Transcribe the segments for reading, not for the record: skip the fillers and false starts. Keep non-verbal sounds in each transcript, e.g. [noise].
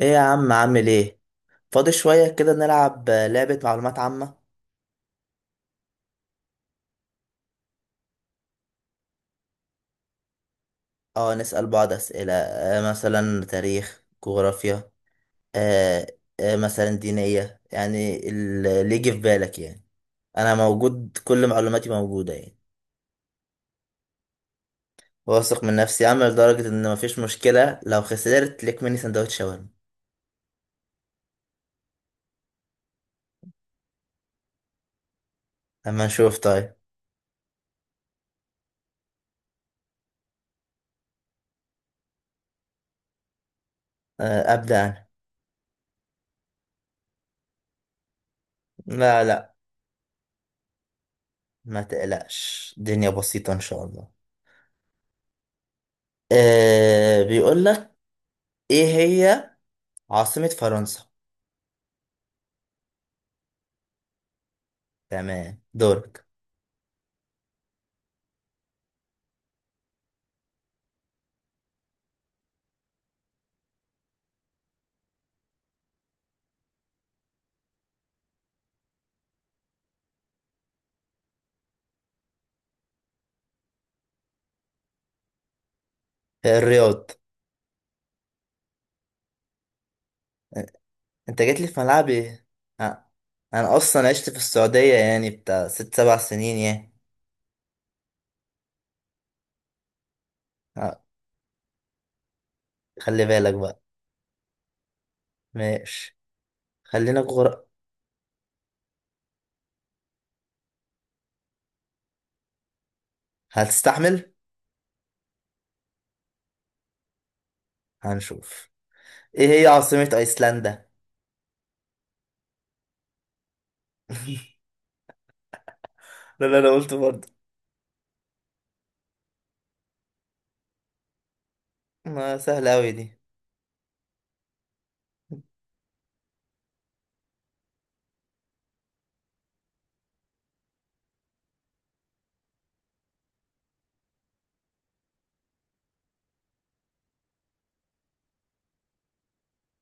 ايه يا عم، عامل ايه؟ فاضي شوية كده، نلعب لعبة معلومات عامة. اه، نسأل بعض أسئلة. آه، مثلا تاريخ، جغرافيا. آه. آه، مثلا دينية، يعني اللي يجي في بالك يعني. انا موجود، كل معلوماتي موجودة يعني. واثق من نفسي، عامل لدرجة ان مفيش مشكلة لو خسرت ليك مني سندوتش شاورما. اما نشوف طيب. آه، ابدأ انا. لا لا، ما تقلقش، الدنيا بسيطة ان شاء الله. آه، بيقول لك: ايه هي عاصمة فرنسا؟ تمام، دورك. الرياض. انت جيت لي في ملعبي. اه. انا اصلا عشت في السعودية يعني بتاع 6 7 سنين يعني. اه. خلي بالك بقى. ماشي. خلينا جغر هتستحمل. هنشوف. ايه هي عاصمة ايسلندا؟ [laughs] لا لا، انا قلت برضه. ما سهلة اوي دي.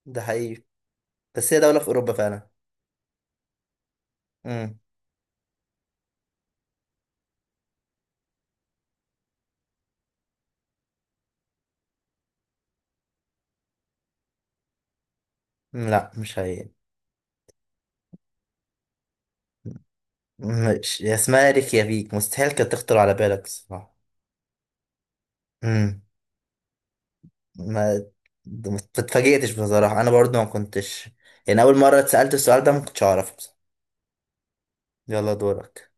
ده حقيقي. بس هي دولة في اوروبا فعلا. مم. لا، مش هي. مش هي اسمها ريكيافيك، مستحيل كانت تخطر على بالك الصراحة. مم. ما ما اتفاجئتش بصراحة. انا برضو ما كنتش، يعني اول مرة اتسألت السؤال ده ما كنتش اعرفه بصراحة. يلا، دورك.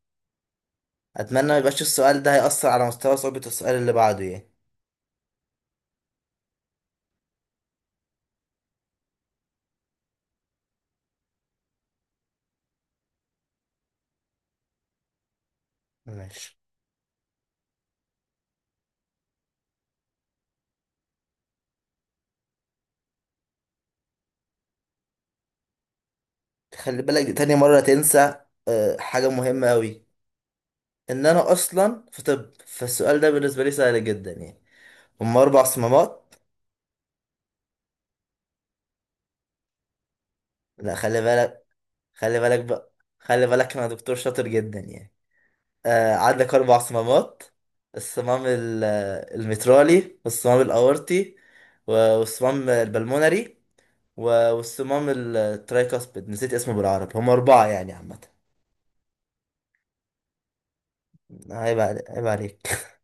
اتمنى ما يبقاش السؤال ده هيأثر على مستوى صعوبة السؤال اللي بعده يعني. ماشي. خلي بالك، دي تاني مرة تنسى. حاجة مهمة أوي، إن أنا أصلا في طب، فالسؤال ده بالنسبة لي سهل جدا يعني. هما أربع صمامات. لا، خلي بالك. خلي بالك بقى. خلي بالك، أنا دكتور شاطر جدا يعني. آه، عندك أربع صمامات: الصمام ال- المترالي، والصمام الأورطي، والصمام البلمونري، والصمام الترايكاسبيد. نسيت اسمه بالعربي. هم أربعة يعني عامة. عيب عليك. [laughs]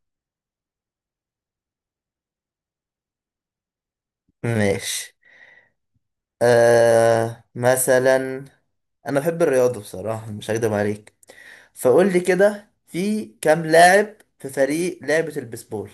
ماشي. آه، مثلا أنا بحب الرياضة بصراحة، مش هكدب عليك، فقول لي كده: في كام لاعب في فريق لعبة البيسبول؟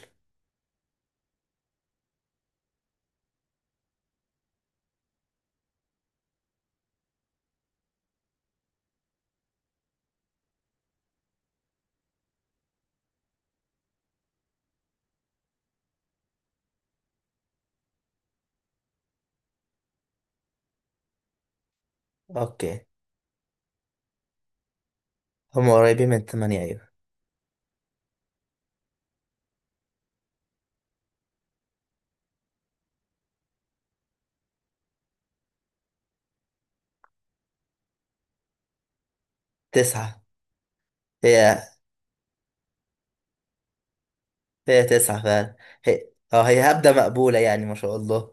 اوكي. هم قريبين من تمانية، ايوه. تسعة. هي. هي تسعة فعلا. هي. اه، هي هبدة مقبولة يعني، ما شاء الله.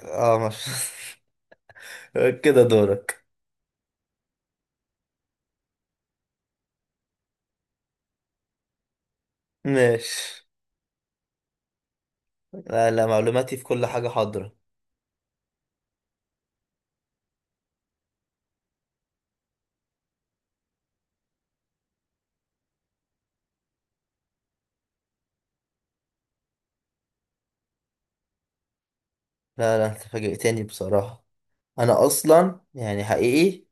اه، ما شاء الله. [laughs] كده دورك. ماشي. لا لا، معلوماتي في كل حاجة حاضرة. لا لا، انت فاجئتني بصراحة. انا اصلا يعني حقيقي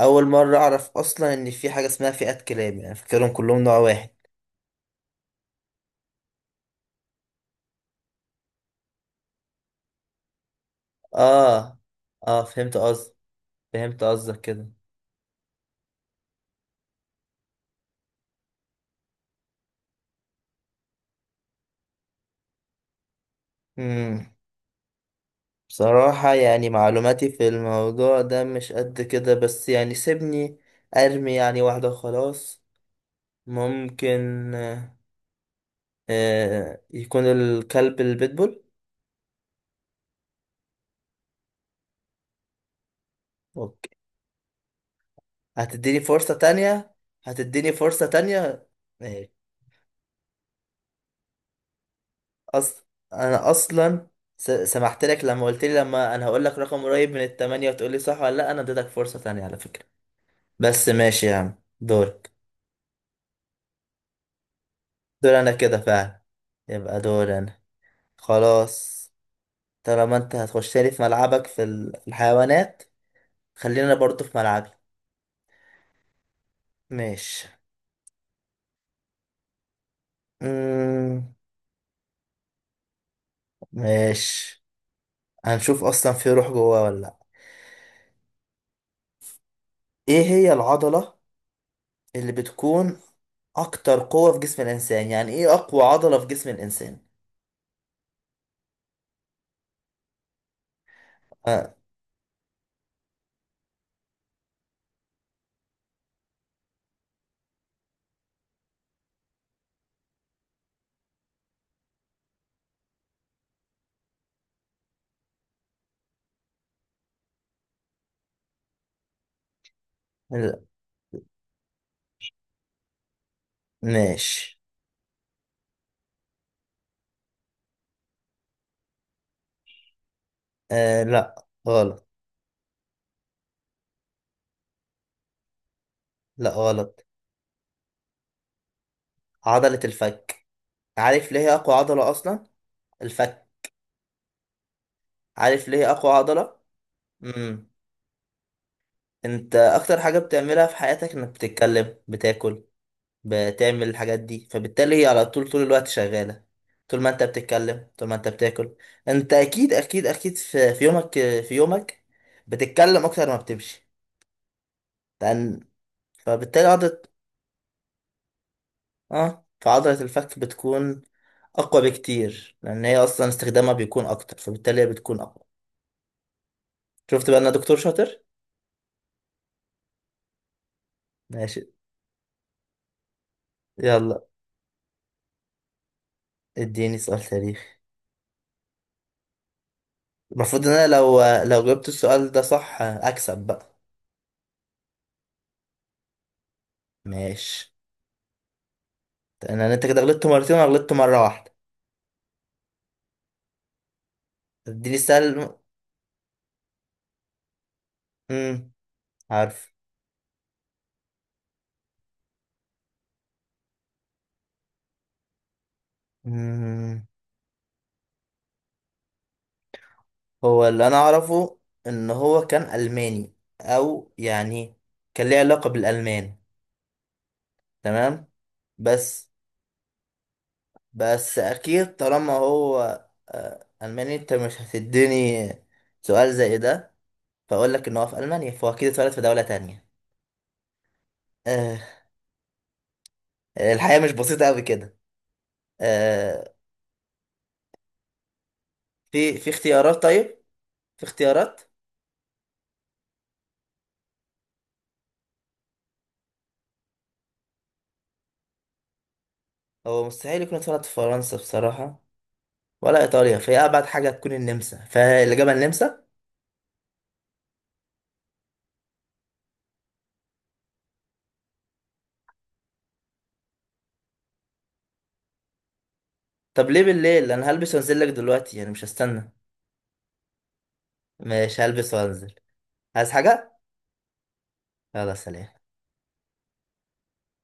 اول مرة اعرف اصلا ان في حاجة اسمها فئات كلاب، يعني فاكرهم كلهم نوع واحد. اه. اه، فهمت قصدك. فهمت قصدك كده. امم بصراحة يعني معلوماتي في الموضوع ده مش قد كده، بس يعني سيبني أرمي يعني واحدة خلاص. ممكن يكون الكلب البيتبول. أوكي. هتديني فرصة تانية؟ هتديني فرصة تانية؟ ماشي. أص... أنا أصلا سمحت لك لما قلت لي، لما أنا هقول لك رقم قريب من التمانية وتقول لي صح ولا لأ، أنا اديتك فرصة تانية على فكرة. بس ماشي يا عم، دورك. دور أنا كده فعلا، يبقى دور أنا. خلاص. طالما انت هتخش لي في ملعبك في في الحيوانات، خلينا برضو في ملعبي. ماشي. مم. ماشي. هنشوف اصلا في روح جواه ولا لا. ايه هي العضلة اللي بتكون اكتر قوة في جسم الانسان؟ يعني ايه اقوى عضلة في جسم الانسان؟ آه. لا. ماشي. آه. لا، غلط. لا، غلط. عضلة الفك. عارف ليه هي اقوى عضلة اصلا؟ الفك. عارف ليه هي اقوى عضلة؟ امم. انت اكتر حاجة بتعملها في حياتك انك بتتكلم، بتاكل، بتعمل الحاجات دي، فبالتالي هي على طول طول الوقت شغالة. طول ما انت بتتكلم، طول ما انت بتاكل، انت اكيد اكيد اكيد في يومك، في يومك بتتكلم اكتر ما بتمشي، لان فبالتالي عضلة، اه، فعضلة الفك بتكون اقوى بكتير لان هي اصلا استخدامها بيكون اكتر، فبالتالي هي بتكون اقوى. شفت بقى انا دكتور شاطر. ماشي. يلا اديني سؤال تاريخ. المفروض ان انا لو جبت السؤال ده صح اكسب بقى. ماشي. انا انت كده غلطت مرتين وانا غلطت مرة واحدة. اديني سهل. امم. عارف. مم. هو اللي انا اعرفه ان هو كان الماني، او يعني كان ليه علاقة بالالمان. تمام. بس بس اكيد طالما هو الماني، انت مش هتديني سؤال زي ده فاقول لك ان هو في المانيا، فهو اكيد اتولد في دولة تانية. آه، الحياة مش بسيطة قوي كده. آه، في اختيارات طيب؟ في اختيارات؟ هو مستحيل يكون اتولد في فرنسا بصراحة ولا ايطاليا، فهي ابعد حاجه تكون النمسا، فالاجابه النمسا. طب ليه بالليل؟ انا هلبس وانزل لك دلوقتي يعني، مش هستنى. مش هلبس وانزل؟ عايز حاجه؟ يلا سلام.